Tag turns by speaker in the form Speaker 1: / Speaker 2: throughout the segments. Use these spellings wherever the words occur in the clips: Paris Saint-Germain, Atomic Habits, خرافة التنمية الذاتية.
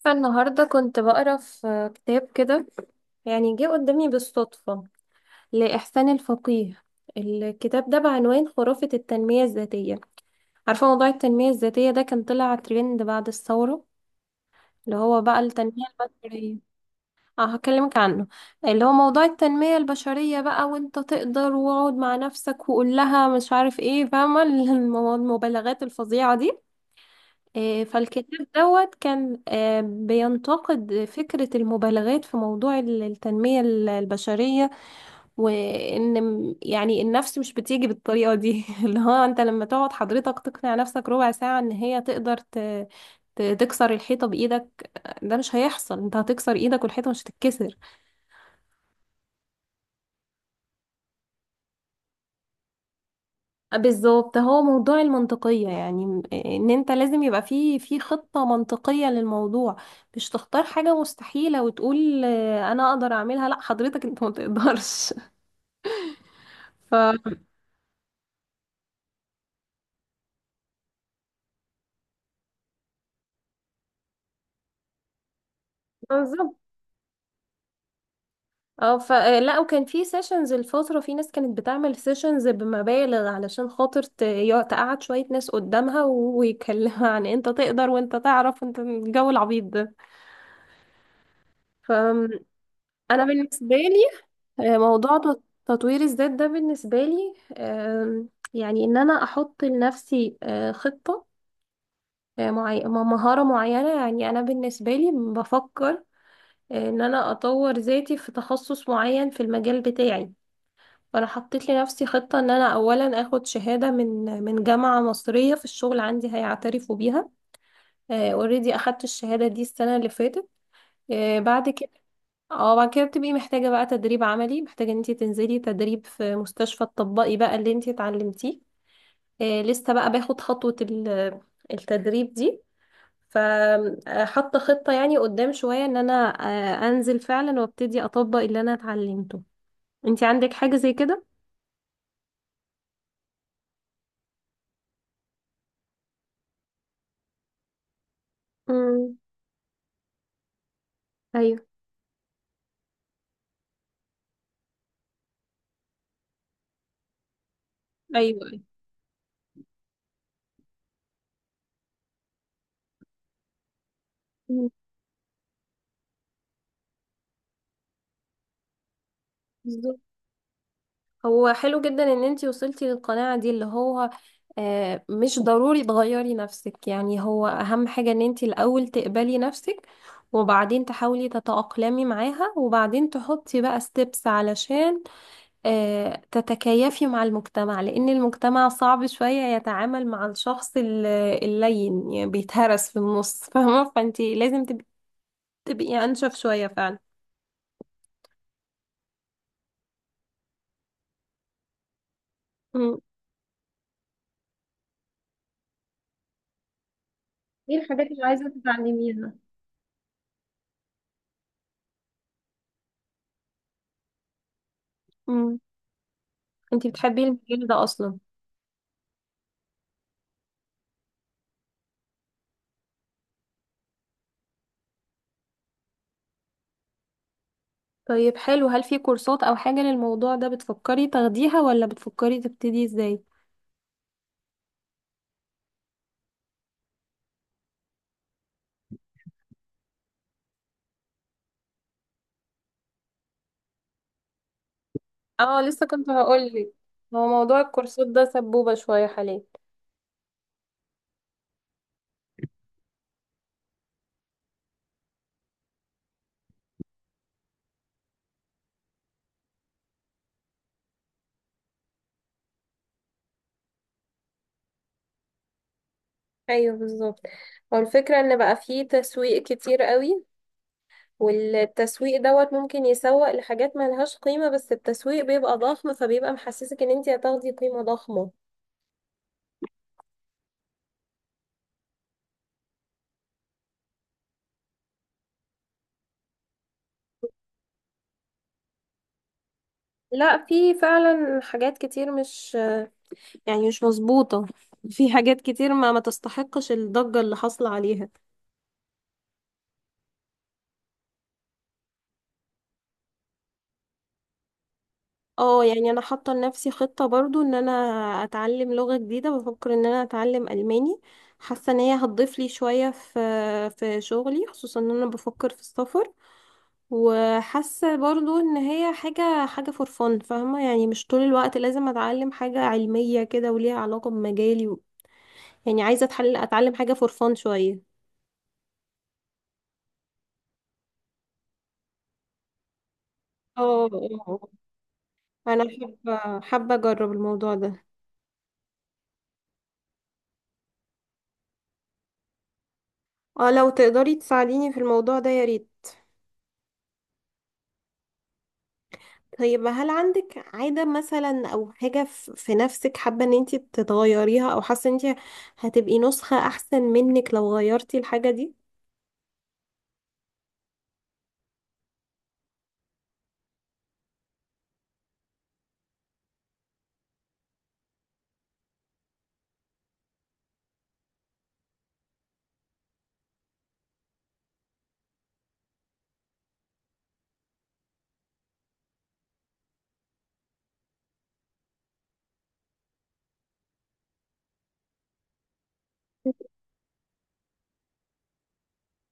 Speaker 1: فالنهاردة كنت بقرا في كتاب كده، يعني جه قدامي بالصدفة لإحسان الفقيه. الكتاب ده بعنوان خرافة التنمية الذاتية. عارفة موضوع التنمية الذاتية ده كان طلع ترند بعد الثورة، اللي هو بقى التنمية البشرية. اه هكلمك عنه. اللي هو موضوع التنمية البشرية بقى، وانت تقدر واقعد مع نفسك وقول لها مش عارف ايه، فاهمة؟ المبالغات الفظيعة دي. فالكتاب دوت كان بينتقد فكرة المبالغات في موضوع التنمية البشرية. وإن يعني النفس مش بتيجي بالطريقة دي. اللي هو أنت لما تقعد حضرتك تقنع نفسك ربع ساعة إن هي تقدر تكسر الحيطة بإيدك، ده مش هيحصل. أنت هتكسر إيدك والحيطة مش هتتكسر. بالظبط. هو موضوع المنطقية، يعني ان انت لازم يبقى في خطة منطقية للموضوع. مش تختار حاجة مستحيلة وتقول انا اقدر اعملها. لا حضرتك انت ما تقدرش. ف بالظبط. اه ف لا، وكان في سيشنز الفترة، في ناس كانت بتعمل سيشنز بمبالغ علشان خاطر تقعد شوية ناس قدامها ويتكلموا عن انت تقدر وانت تعرف انت، الجو العبيط ده. فانا بالنسبة لي، موضوع تطوير الذات ده بالنسبة لي، يعني إن أنا أحط لنفسي خطة، مهارة معينة. يعني أنا بالنسبة لي بفكر إن أنا أطور ذاتي في تخصص معين في المجال بتاعي. فأنا حطيت لنفسي خطة إن أنا أولا أخد شهادة من جامعة مصرية في الشغل عندي هيعترفوا بيها. أوريدي أخدت الشهادة دي السنة اللي فاتت. بعد كده اه بعد كده بتبقي محتاجة بقى تدريب عملي، محتاجة ان انتي تنزلي تدريب في مستشفى تطبقي بقى اللي انتي اتعلمتيه. آه لسه بقى باخد خطوة التدريب دي. فحط خطة يعني قدام شوية ان انا آه انزل فعلا وابتدي اطبق اللي انا اتعلمته. انتي عندك حاجة زي كده؟ امم. ايوه. ايوه أيوة. مم. بالظبط. هو حلو جدا ان انتي وصلتي للقناعة دي، اللي هو مش ضروري تغيري نفسك. يعني هو اهم حاجة ان انتي الاول تقبلي نفسك، وبعدين تحاولي تتأقلمي معاها، وبعدين تحطي بقى ستيبس علشان تتكيفي مع المجتمع، لان المجتمع صعب شوية يتعامل مع الشخص اللين، يعني بيتهرس في النص. فاهمة؟ فانتي لازم تبقي انشف شوية فعلا. مم. ايه الحاجات اللي عايزة تتعلميها؟ مم. انتي بتحبي المجال ده اصلا؟ طيب حلو، هل في كورسات او حاجة للموضوع ده بتفكري تاخديها، ولا بتفكري تبتدي ازاي؟ اه لسه كنت هقولك، هو موضوع الكورسات ده سبوبة شوية حاليا. ايوه بالظبط. هو الفكرة ان بقى فيه تسويق كتير قوي، والتسويق دوت ممكن يسوق لحاجات ملهاش قيمة، بس التسويق بيبقى ضخم فبيبقى محسسك ان انتي هتاخدي قيمة ضخمة. لا في فعلا حاجات كتير مش، يعني مش مظبوطة. في حاجات كتير ما تستحقش الضجة اللي حاصلة عليها. اه يعني انا حاطه لنفسي خطه برضو ان انا اتعلم لغه جديده. بفكر ان انا اتعلم الماني، حاسه ان هي هتضيف لي شويه في في شغلي، خصوصا ان انا بفكر في السفر. وحاسه برضو ان هي حاجه فور فن، فاهمه؟ يعني مش طول الوقت لازم اتعلم حاجه علميه كده وليها علاقه بمجالي و... يعني عايزه اتحل اتعلم حاجه فور فن شويه. اه اه انا حابه اجرب الموضوع ده. اه لو تقدري تساعديني في الموضوع ده يا ريت. طيب هل عندك عادة مثلا أو حاجة في نفسك حابة إن انتي تتغيريها، أو حاسة إن انتي هتبقي نسخة أحسن منك لو غيرتي الحاجة دي؟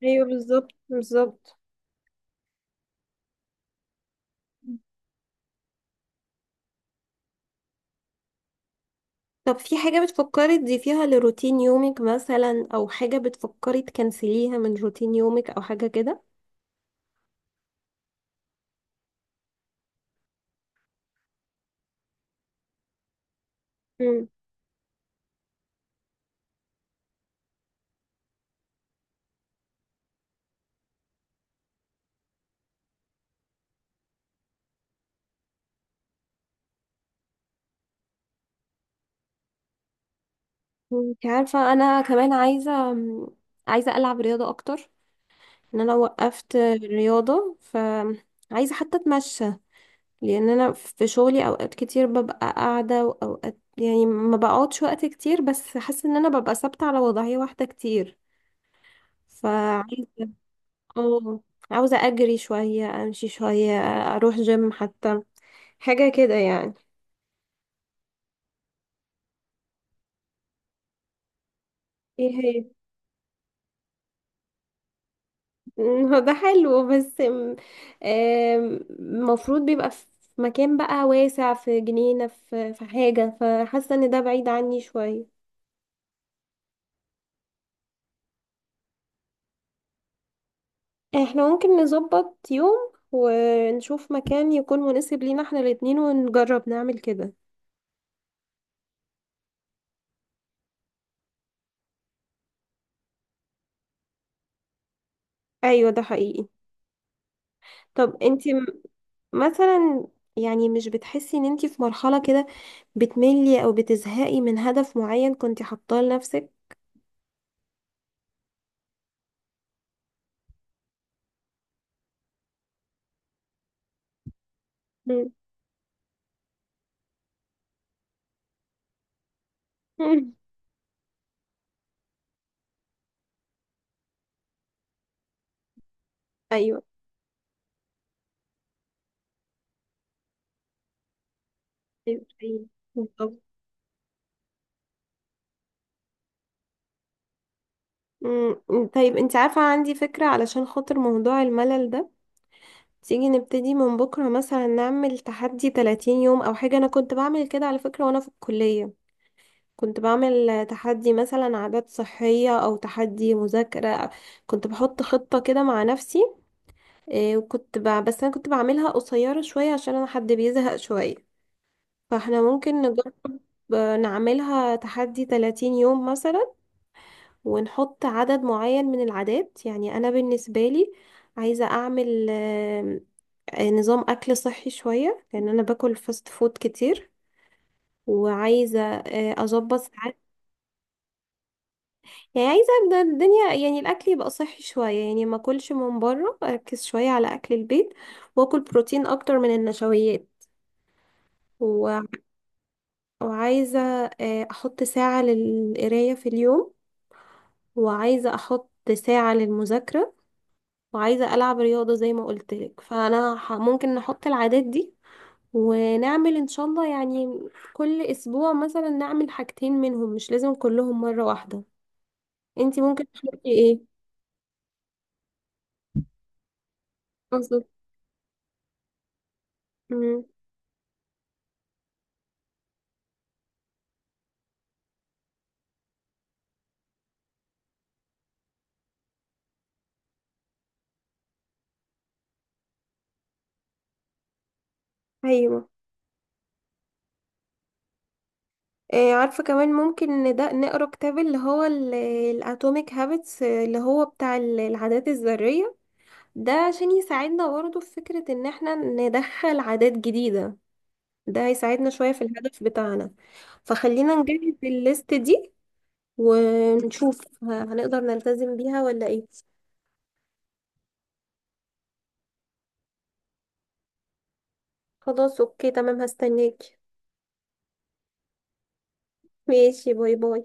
Speaker 1: ايوه بالظبط بالظبط. طب في حاجة بتفكري تضيفيها لروتين يومك مثلا، أو حاجة بتفكري تكنسليها من روتين يومك، أو حاجة كده؟ مم. انت عارفة أنا كمان عايزة، عايزة ألعب رياضة أكتر. إن أنا وقفت رياضة، فعايزة حتى أتمشى، لان انا في شغلي اوقات كتير ببقى قاعده، واوقات يعني ما بقعدش وقت كتير، بس حاسه ان انا ببقى ثابته على وضعيه واحده كتير. فعايزه اه، عاوزه اجري شويه، امشي شويه، اروح جيم حتى، حاجه كده يعني. ايه هي؟ هو ده حلو بس م- آم، المفروض بيبقى في مكان بقى واسع، في جنينه، في حاجه، فحاسه ان ده بعيد عني شويه. احنا ممكن نظبط يوم ونشوف مكان يكون مناسب لينا احنا الاتنين ونجرب نعمل كده. ايوه ده حقيقي. طب انتي مثلا يعني مش بتحسي ان انتي في مرحلة كده بتملي او بتزهقي من هدف معين كنتي حاطاه لنفسك؟ مم. مم. ايوه. ايوه حقيقي. بالظبط. مم. طيب انتي عارفة، عندي فكرة علشان خاطر موضوع الملل ده. تيجي نبتدي من بكرة مثلا، نعمل تحدي 30 يوم او حاجة. انا كنت بعمل كده على فكرة وانا في الكلية، كنت بعمل تحدي مثلا عادات صحية، أو تحدي مذاكرة، كنت بحط خطة كده مع نفسي. وكنت ب... بس أنا كنت بعملها قصيرة شوية عشان أنا حد بيزهق شوية. فاحنا ممكن نجرب نعملها تحدي 30 يوم مثلا، ونحط عدد معين من العادات. يعني أنا بالنسبة لي عايزة أعمل آم، آه، نظام أكل صحي شوية، لأن أنا باكل فاست فود كتير. وعايزة أظبط، يعني عايزة أبدأ الدنيا يعني الأكل يبقى صحي شوية، يعني ما أكلش من بره، أركز شوية على أكل البيت، وأكل بروتين أكتر من النشويات و... وعايزة أحط ساعة للقراية في اليوم، وعايزة أحط ساعة للمذاكرة، وعايزة ألعب رياضة زي ما قلت لك. فأنا ح... ممكن نحط العادات دي ونعمل إن شاء الله، يعني كل أسبوع مثلا نعمل حاجتين منهم، مش لازم كلهم مرة واحدة. انتي ممكن تحطي ايه؟ بالظبط. أمم. ايوه عارفة، كمان ممكن إن ده نقرا كتاب اللي هو الاتوميك هابتس اللي هو بتاع العادات الذرية. ده عشان يساعدنا برضه في فكرة ان احنا ندخل عادات جديدة، ده هيساعدنا شوية في الهدف بتاعنا. فخلينا نجهز الليست دي ونشوف هنقدر نلتزم بيها ولا ايه. خلاص اوكي تمام، هستناك. ماشي باي باي.